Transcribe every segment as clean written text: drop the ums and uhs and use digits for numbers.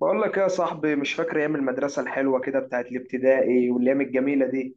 بقول لك يا صاحبي، مش فاكر ايام المدرسه الحلوه كده بتاعت الابتدائي والايام الجميله دي؟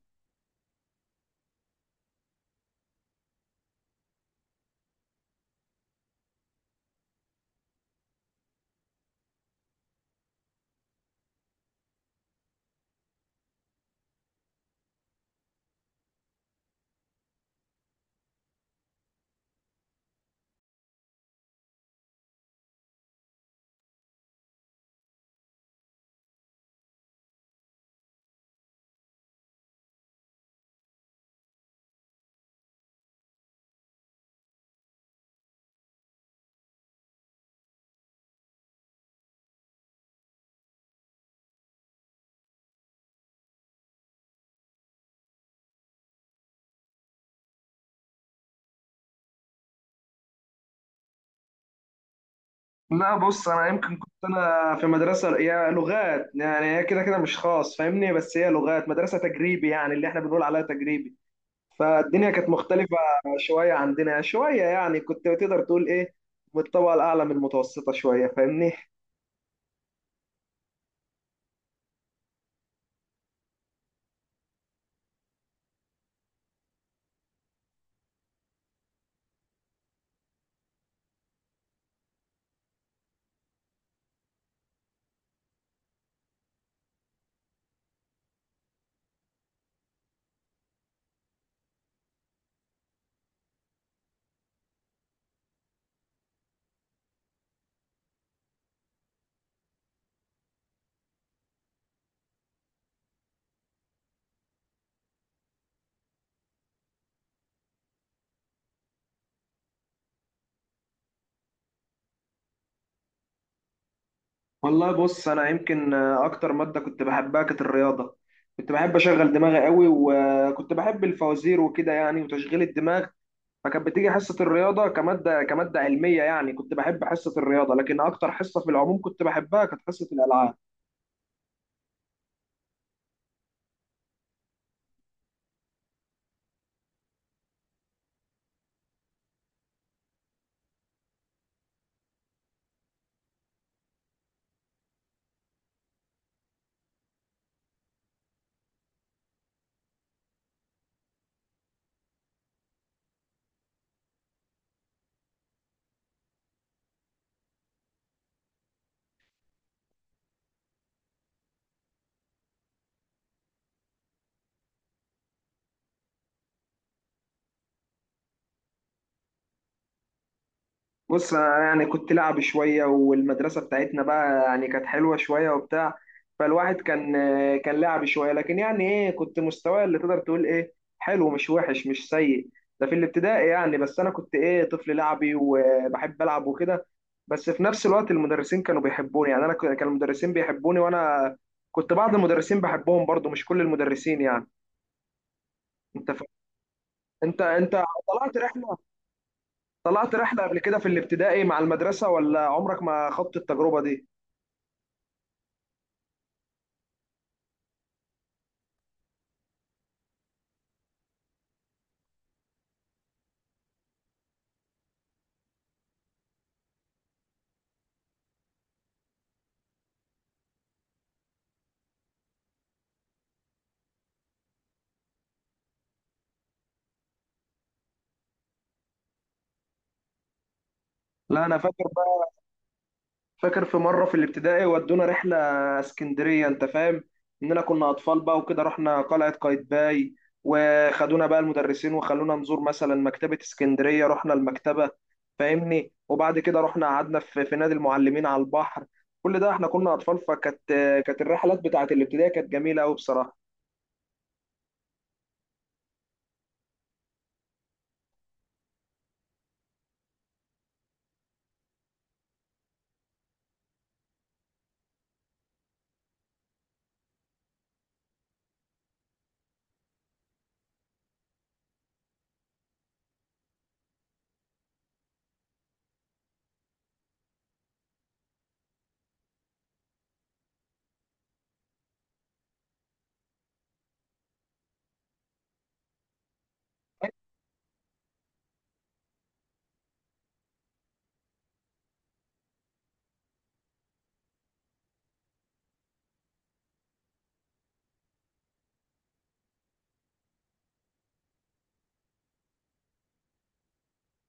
لا، بص انا يمكن كنت انا في مدرسه هي لغات، يعني هي كده كده مش خاص فاهمني، بس هي لغات مدرسه تجريبي، يعني اللي احنا بنقول عليها تجريبي. فالدنيا كانت مختلفه شويه عندنا شويه، يعني كنت تقدر تقول ايه، من الطبقه الاعلى من المتوسطه شويه فاهمني. والله بص، انا يمكن اكتر ماده كنت بحبها كانت الرياضه. كنت بحب اشغل دماغي قوي، وكنت بحب الفوازير وكده يعني، وتشغيل الدماغ. فكانت بتيجي حصة الرياضة كمادة، كمادة علمية يعني، كنت بحب حصة الرياضة، لكن أكتر حصة في العموم كنت بحبها كانت حصة الألعاب. بص انا يعني كنت لعب شويه، والمدرسه بتاعتنا بقى يعني كانت حلوه شويه وبتاع. فالواحد كان لعب شويه، لكن يعني ايه، كنت مستواي اللي تقدر تقول ايه، حلو، مش وحش، مش سيء. ده في الابتدائي يعني، بس انا كنت ايه، طفل لعبي وبحب العب وكده، بس في نفس الوقت المدرسين كانوا بيحبوني. يعني انا كان المدرسين بيحبوني، وانا كنت بعض المدرسين بحبهم برضو، مش كل المدرسين يعني. انت ف... انت طلعت رحله طلعت رحلة قبل كده في الابتدائي مع المدرسة، ولا عمرك ما خضت التجربة دي؟ لا أنا فاكر بقى، فاكر في مرة في الابتدائي ودونا رحلة اسكندرية، أنت فاهم؟ إننا كنا أطفال بقى وكده، رحنا قلعة قايتباي، وخدونا بقى المدرسين وخلونا نزور مثلا مكتبة اسكندرية، رحنا المكتبة فاهمني؟ وبعد كده رحنا قعدنا في نادي المعلمين على البحر. كل ده احنا كنا أطفال، كانت الرحلات بتاعت الابتدائي كانت جميلة أوي بصراحة.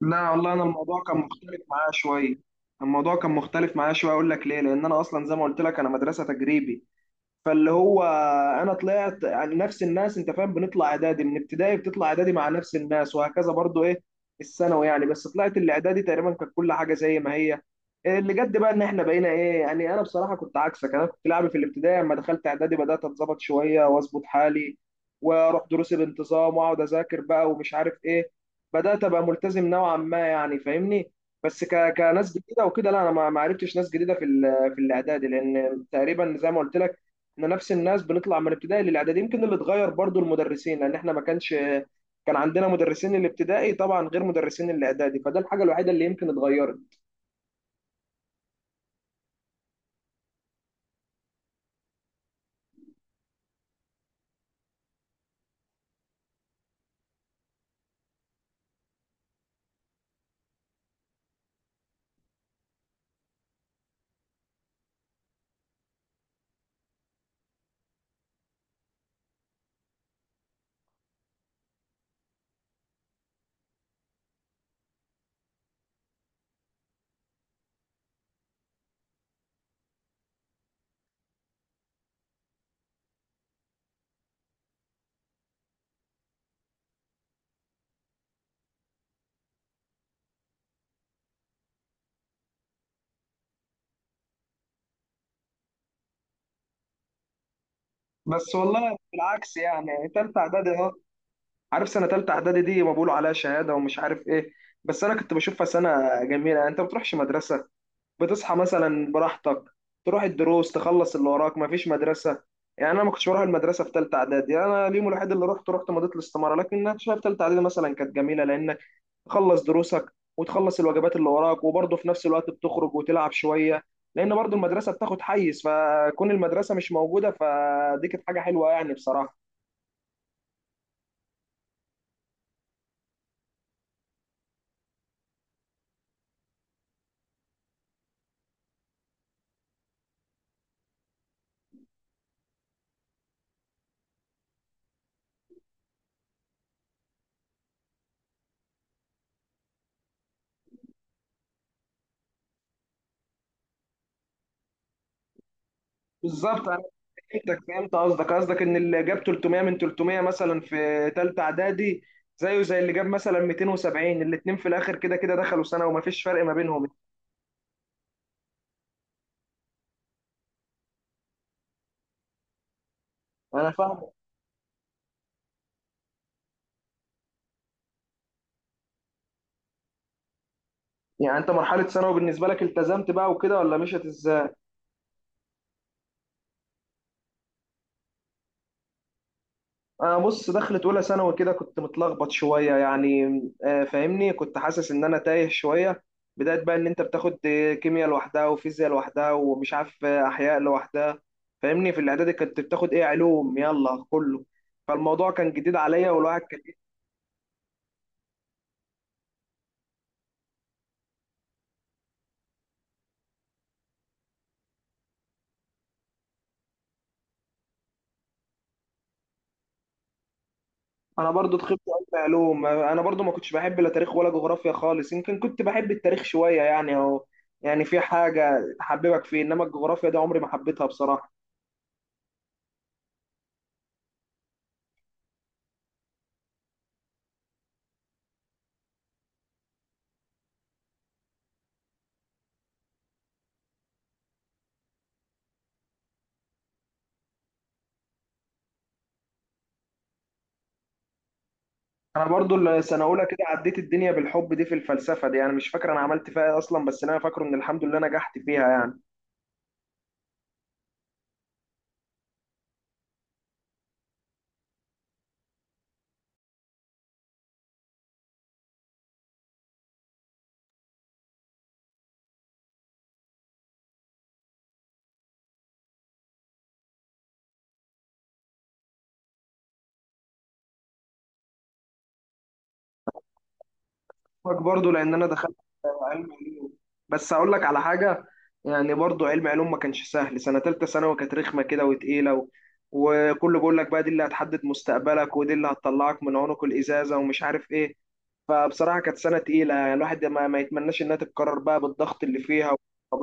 لا والله انا الموضوع كان مختلف معايا شويه، الموضوع كان مختلف معايا شويه، اقول لك ليه. لان انا اصلا زي ما قلت لك انا مدرسه تجريبي، فاللي هو انا طلعت يعني نفس الناس انت فاهم، بنطلع اعدادي من ابتدائي، بتطلع اعدادي مع نفس الناس، وهكذا برضو ايه الثانوي يعني. بس طلعت الاعدادي تقريبا كانت كل حاجه زي ما هي، اللي جد بقى ان احنا بقينا ايه. يعني انا بصراحه كنت عكسك، انا كنت لاعب في الابتدائي، لما دخلت اعدادي بدات اتظبط شويه واظبط حالي واروح دروسي بانتظام واقعد اذاكر بقى ومش عارف ايه، بدات ابقى ملتزم نوعا ما يعني فاهمني. بس كناس جديده وكده، لا انا ما عرفتش ناس جديده في الاعدادي، لان تقريبا زي ما قلت لك احنا نفس الناس بنطلع من الابتدائي للاعدادي. يمكن اللي اتغير برضو المدرسين، لان احنا ما كانش كان عندنا مدرسين الابتدائي طبعا غير مدرسين الاعدادي، فده الحاجه الوحيده اللي يمكن اتغيرت. بس والله بالعكس يعني، تالتة اعدادي اهو، عارف سنه تالتة اعدادي دي ما بيقولوا عليها شهاده ومش عارف ايه، بس انا كنت بشوفها سنه جميله. يعني انت ما بتروحش مدرسه، بتصحى مثلا براحتك، تروح الدروس تخلص اللي وراك، ما فيش مدرسه. يعني انا ما كنتش بروح المدرسه في تالتة اعدادي، انا اليوم الوحيد اللي رحت مضيت الاستماره، لكن انا شايف تالتة اعدادي مثلا كانت جميله، لان تخلص دروسك وتخلص الواجبات اللي وراك، وبرضه في نفس الوقت بتخرج وتلعب شوية. لأن برضه المدرسة بتاخد حيز، فكون المدرسة مش موجودة فدي كانت حاجة حلوة يعني بصراحة. بالظبط. أنا فهمتك، فهمت قصدك، قصدك إن اللي جاب 300 من 300 مثلا في تالتة إعدادي زيه زي اللي جاب مثلا 270، الاتنين في الآخر كده كده دخلوا سنة ومفيش فرق ما بينهم. أنا فاهم. يعني أنت مرحلة ثانوي بالنسبة لك التزمت بقى وكده، ولا مشيت إزاي؟ أنا بص دخلت أولى ثانوي كده، كنت متلخبط شوية يعني، فاهمني كنت حاسس إن أنا تايه شوية. بداية بقى إن أنت بتاخد كيمياء لوحدها، وفيزياء لوحدها، ومش عارف أحياء لوحدها، فاهمني. في الإعدادي كنت بتاخد إيه، علوم يلا كله، فالموضوع كان جديد عليا، والواحد كان إيه؟ أنا برضو دخلت علم علوم، أنا برضو ما كنتش بحب لا تاريخ ولا جغرافيا خالص، يمكن كنت بحب التاريخ شوية يعني، أو يعني في حاجة تحببك فيه، إنما الجغرافيا دي عمري ما حبيتها بصراحة. انا برضو السنه اولى كده عديت الدنيا بالحب دي في الفلسفه دي، يعني مش فاكر انا عملت فيها ايه اصلا، بس اللي انا فاكره ان الحمد لله نجحت فيها يعني. فاكر برضو لان انا دخلت علم علوم، بس اقول لك على حاجه، يعني برضو علم علوم ما كانش سهل، سنه ثالثه ثانوي كانت رخمه كده وتقيله وكله بيقول لك بقى دي اللي هتحدد مستقبلك ودي اللي هتطلعك من عنق الازازه ومش عارف ايه. فبصراحه كانت سنه تقيله، يعني الواحد ما يتمناش انها تتكرر بقى بالضغط اللي فيها. طب،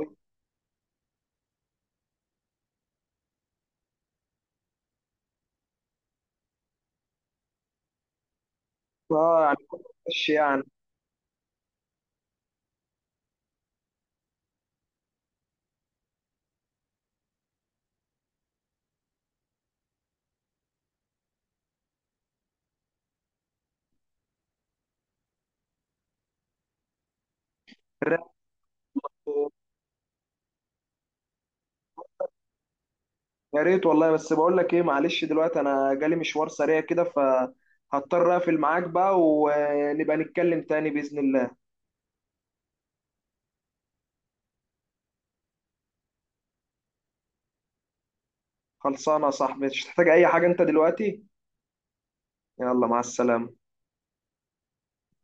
اه يعني كله ماشي يعني. يا ريت والله. بس بقول لك ايه، معلش دلوقتي انا جالي مشوار سريع كده، فهضطر اقفل معاك بقى، ونبقى نتكلم تاني بإذن الله. خلصانة يا صاحبي، مش تحتاج اي حاجة انت دلوقتي؟ يلا مع السلامة.